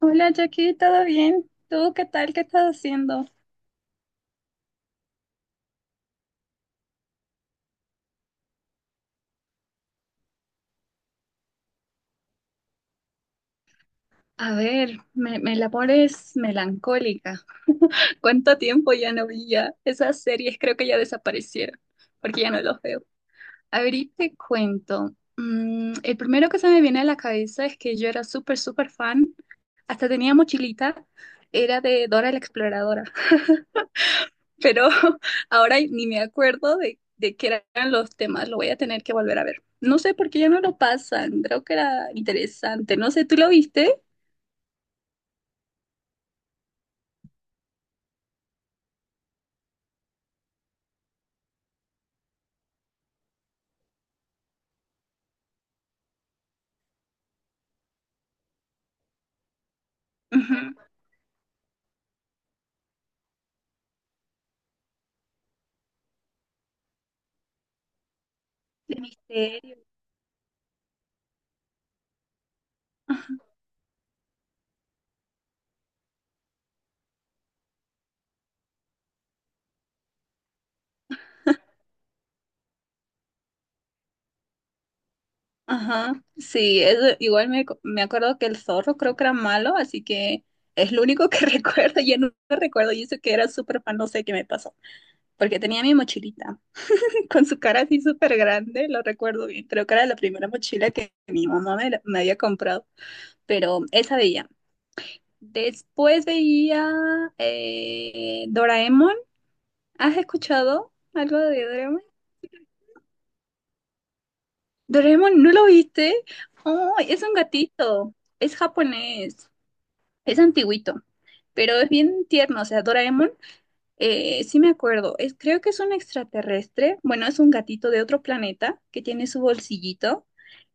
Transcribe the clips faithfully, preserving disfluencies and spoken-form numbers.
Hola Jackie, ¿todo bien? ¿Tú qué tal? ¿Qué estás haciendo? A ver, me, me la pones melancólica. ¿Cuánto tiempo ya no vi ya? Esas series creo que ya desaparecieron, porque ya no los veo. A ver, y te cuento. Mm, el primero que se me viene a la cabeza es que yo era súper, súper fan, hasta tenía mochilita, era de Dora la Exploradora. Pero ahora ni me acuerdo de, de qué eran los temas, lo voy a tener que volver a ver. No sé por qué ya no lo pasan, creo que era interesante, no sé, ¿tú lo viste? Ujú. De misterio. Ajá, sí, eso, igual me, acu- me acuerdo que el zorro creo que era malo, así que es lo único que recuerdo, ya no recuerdo, y eso que era súper fan, no sé qué me pasó, porque tenía mi mochilita con su cara así súper grande, lo recuerdo bien, creo que era la primera mochila que mi mamá me, la- me había comprado, pero esa veía. Después veía eh, Doraemon. ¿Has escuchado algo de Doraemon? Doraemon, ¿no lo viste? Oh, es un gatito. Es japonés. Es antiguito. Pero es bien tierno. O sea, Doraemon, eh, sí me acuerdo. Es, creo que es un extraterrestre. Bueno, es un gatito de otro planeta que tiene su bolsillito.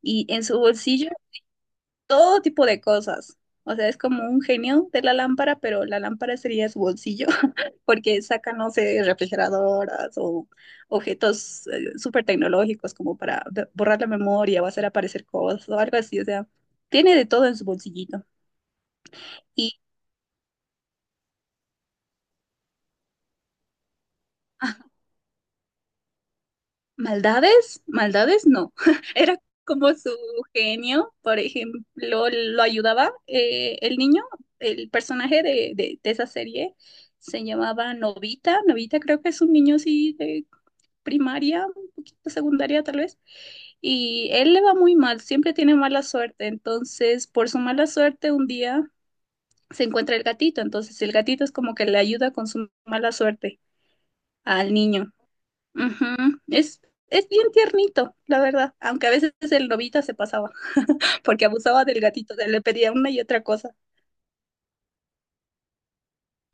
Y en su bolsillo todo tipo de cosas. O sea, es como un genio de la lámpara, pero la lámpara sería su bolsillo. Porque sacan, no sé, refrigeradoras o objetos súper tecnológicos como para b- borrar la memoria o hacer aparecer cosas o algo así. O sea, tiene de todo en su bolsillito. Y ah, maldades, maldades no. Era como su genio, por ejemplo, lo ayudaba eh, el niño, el personaje de, de, de esa serie. Se llamaba Novita, Novita creo que es un niño así de primaria, un poquito secundaria tal vez, y él le va muy mal, siempre tiene mala suerte, entonces por su mala suerte un día se encuentra el gatito, entonces el gatito es como que le ayuda con su mala suerte al niño. Ujú. Es, es bien tiernito, la verdad, aunque a veces el lobito se pasaba porque abusaba del gatito, de- le pedía una y otra cosa.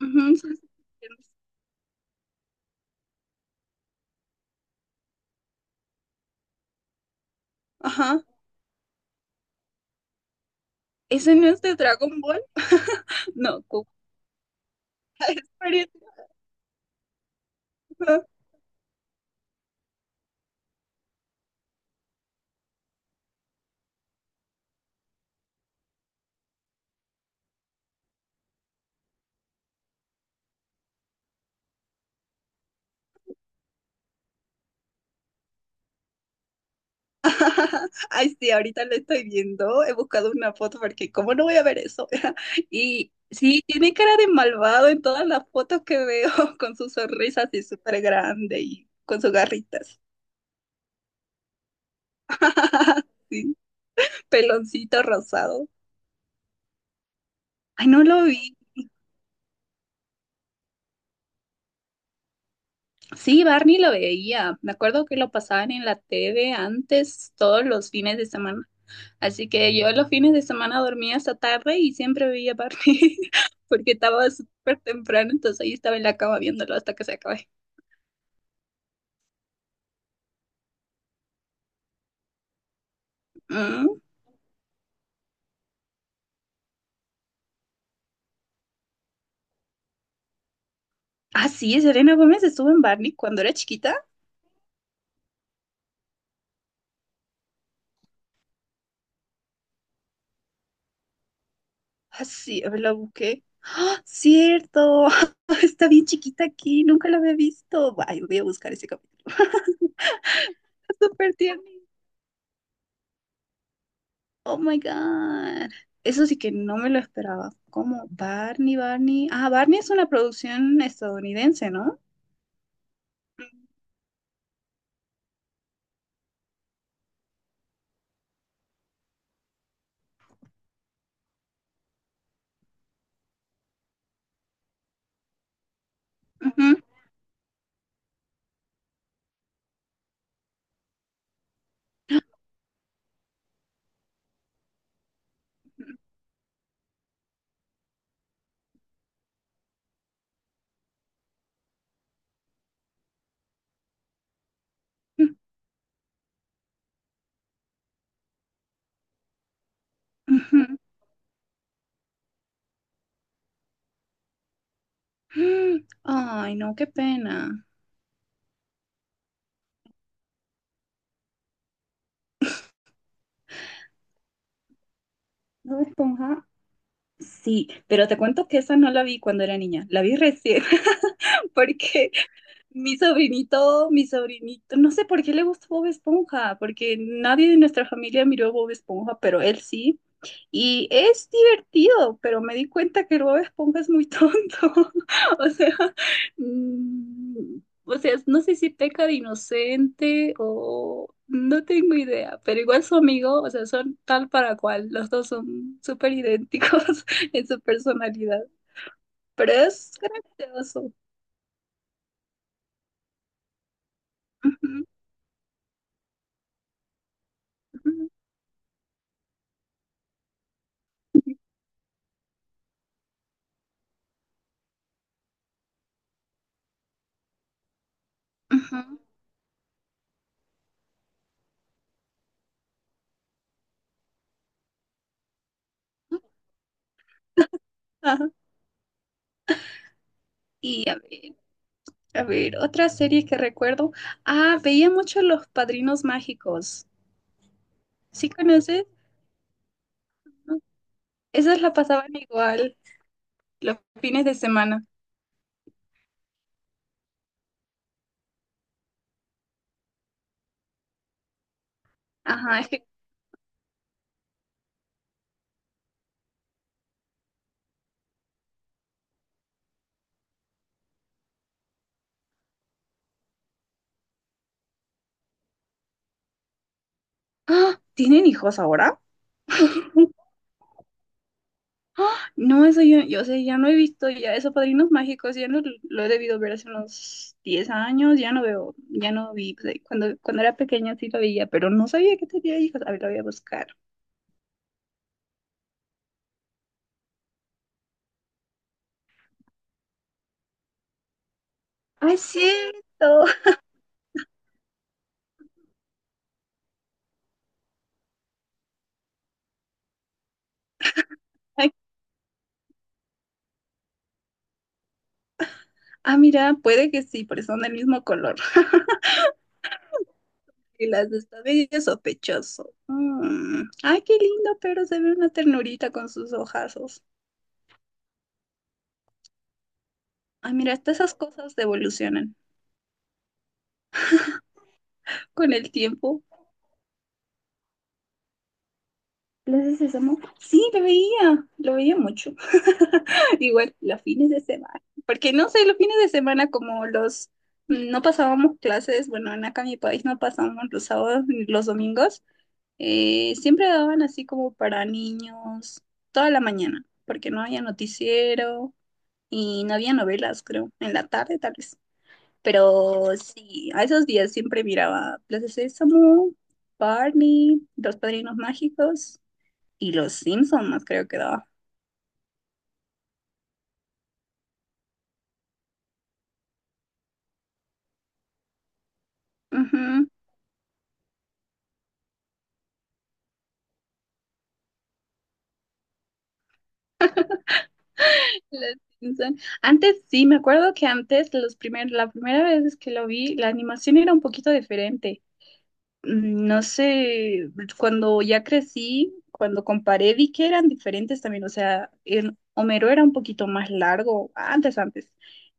Ujú, son súper tiernos. Ajá. ¿Ese no es de Dragon Ball? No, ¿cuál ay, sí, ahorita lo estoy viendo. He buscado una foto porque, ¿cómo no voy a ver eso? Y sí, tiene cara de malvado en todas las fotos que veo, con su sonrisa así súper grande y con sus garritas. Sí, peloncito rosado. Ay, no lo vi. Sí, Barney lo veía. Me acuerdo que lo pasaban en la T V antes, todos los fines de semana. Así que yo los fines de semana dormía hasta tarde y siempre veía Barbie porque estaba súper temprano, entonces ahí estaba en la cama viéndolo hasta que se acabe. Mm. Ah, sí, Selena Gómez estuvo en Barney cuando era chiquita. Ah, sí, a ver, la busqué. ¡Ah, cierto! Está bien chiquita aquí, nunca la había visto. Ay, voy a buscar ese capítulo. Súper tierno. Oh my God. Eso sí que no me lo esperaba. ¿Cómo? Barney, Barney. Ah, Barney es una producción estadounidense, ¿no? Ujú, ujú. Mm, ay, no, qué pena. ¿Bob Esponja? Sí, pero te cuento que esa no la vi cuando era niña, la vi recién, porque mi sobrinito, mi sobrinito, no sé por qué le gustó Bob Esponja, porque nadie de nuestra familia miró Bob Esponja, pero él sí. Y es divertido, pero me di cuenta que Bob Esponja es muy tonto. O sea, mm, o sea, no sé si peca de inocente o no tengo idea, pero igual su amigo, o sea, son tal para cual. Los dos son súper idénticos en su personalidad, pero es gracioso. Ujú, ujú, ujú. Ajá. Y a ver, a ver, otra serie que recuerdo. Ah, veía mucho Los Padrinos Mágicos. ¿Sí conoces? Esas la pasaban igual los fines de semana. Ajá, es que, ah, ¿tienen hijos ahora? Ah, no, eso yo, yo sé, ya no he visto ya esos padrinos mágicos, ya no lo he debido ver hace unos diez años, ya no veo, ya no vi, pues, ahí, cuando, cuando era pequeña sí lo veía, pero no sabía que tenía hijos, a ver, lo voy a buscar. ¡Ay, es cierto! Ay, ah, mira, puede que sí, porque son del mismo color. Y las de esta medio sospechoso. Mm. Ay, qué lindo, pero se ve una ternurita con sus ojazos. Ay, mira, hasta esas cosas evolucionan con el tiempo. ¿Las Plaza Sésamo, sí, lo veía, lo veía mucho. Igual los fines de semana, porque no sé, los fines de semana como los no pasábamos clases, bueno, en acá en mi país no pasábamos los sábados ni los domingos, eh, siempre daban así como para niños toda la mañana, porque no había noticiero y no había novelas, creo, en la tarde tal vez. Pero sí, a esos días siempre miraba Plaza Sésamo, Barney, Los Padrinos Mágicos y Los Simpson más creo que daba. Ujú. Los Simpson. Antes sí, me acuerdo que antes los primer, la primera vez que lo vi, la animación era un poquito diferente. mm, no sé, cuando ya crecí, cuando comparé, vi que eran diferentes también, o sea, el Homero era un poquito más largo, antes, antes,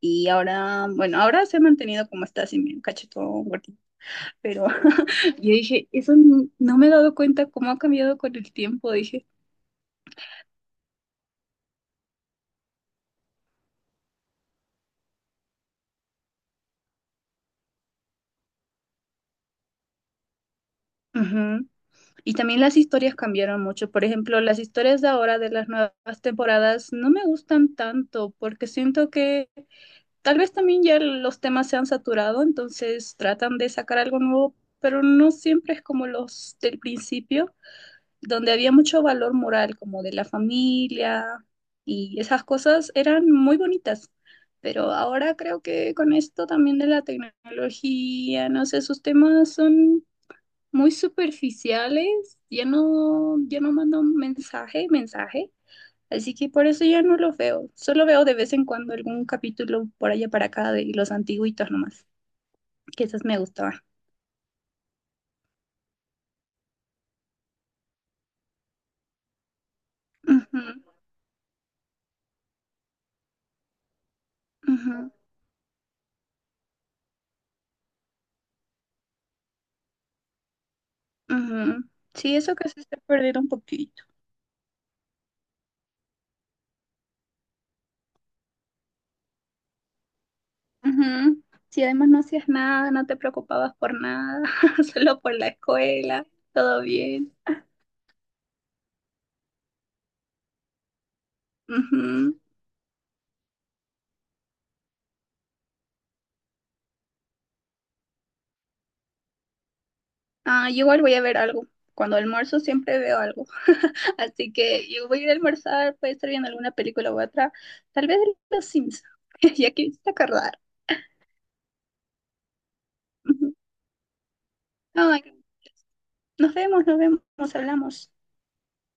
y ahora, bueno, ahora se ha mantenido como está, así medio cachetón, gordito, pero yo dije, eso no, no me he dado cuenta cómo ha cambiado con el tiempo, dije. Ujú. Y también las historias cambiaron mucho. Por ejemplo, las historias de ahora de las nuevas temporadas no me gustan tanto porque siento que tal vez también ya los temas se han saturado, entonces tratan de sacar algo nuevo, pero no siempre es como los del principio, donde había mucho valor moral, como de la familia y esas cosas eran muy bonitas. Pero ahora creo que con esto también de la tecnología, no sé, sus temas son muy superficiales, ya no, ya no mandan mensaje, mensaje. Así que por eso ya no los veo. Solo veo de vez en cuando algún capítulo por allá para acá de los antiguitos nomás, que esas me gustaban. Ujú, ujú, ujú. Sí, eso que se está perdiendo un poquito. Ujú. Sí, además no hacías nada, no te preocupabas por nada, solo por la escuela, todo bien. Ujú. Ah, yo igual voy a ver algo. Cuando almuerzo siempre veo algo. Así que yo voy a ir a almorzar, puede estar viendo alguna película u otra, tal vez de Los Sims, ya que me hiciste acordar. Ujú. Ay, nos vemos, nos vemos, hablamos.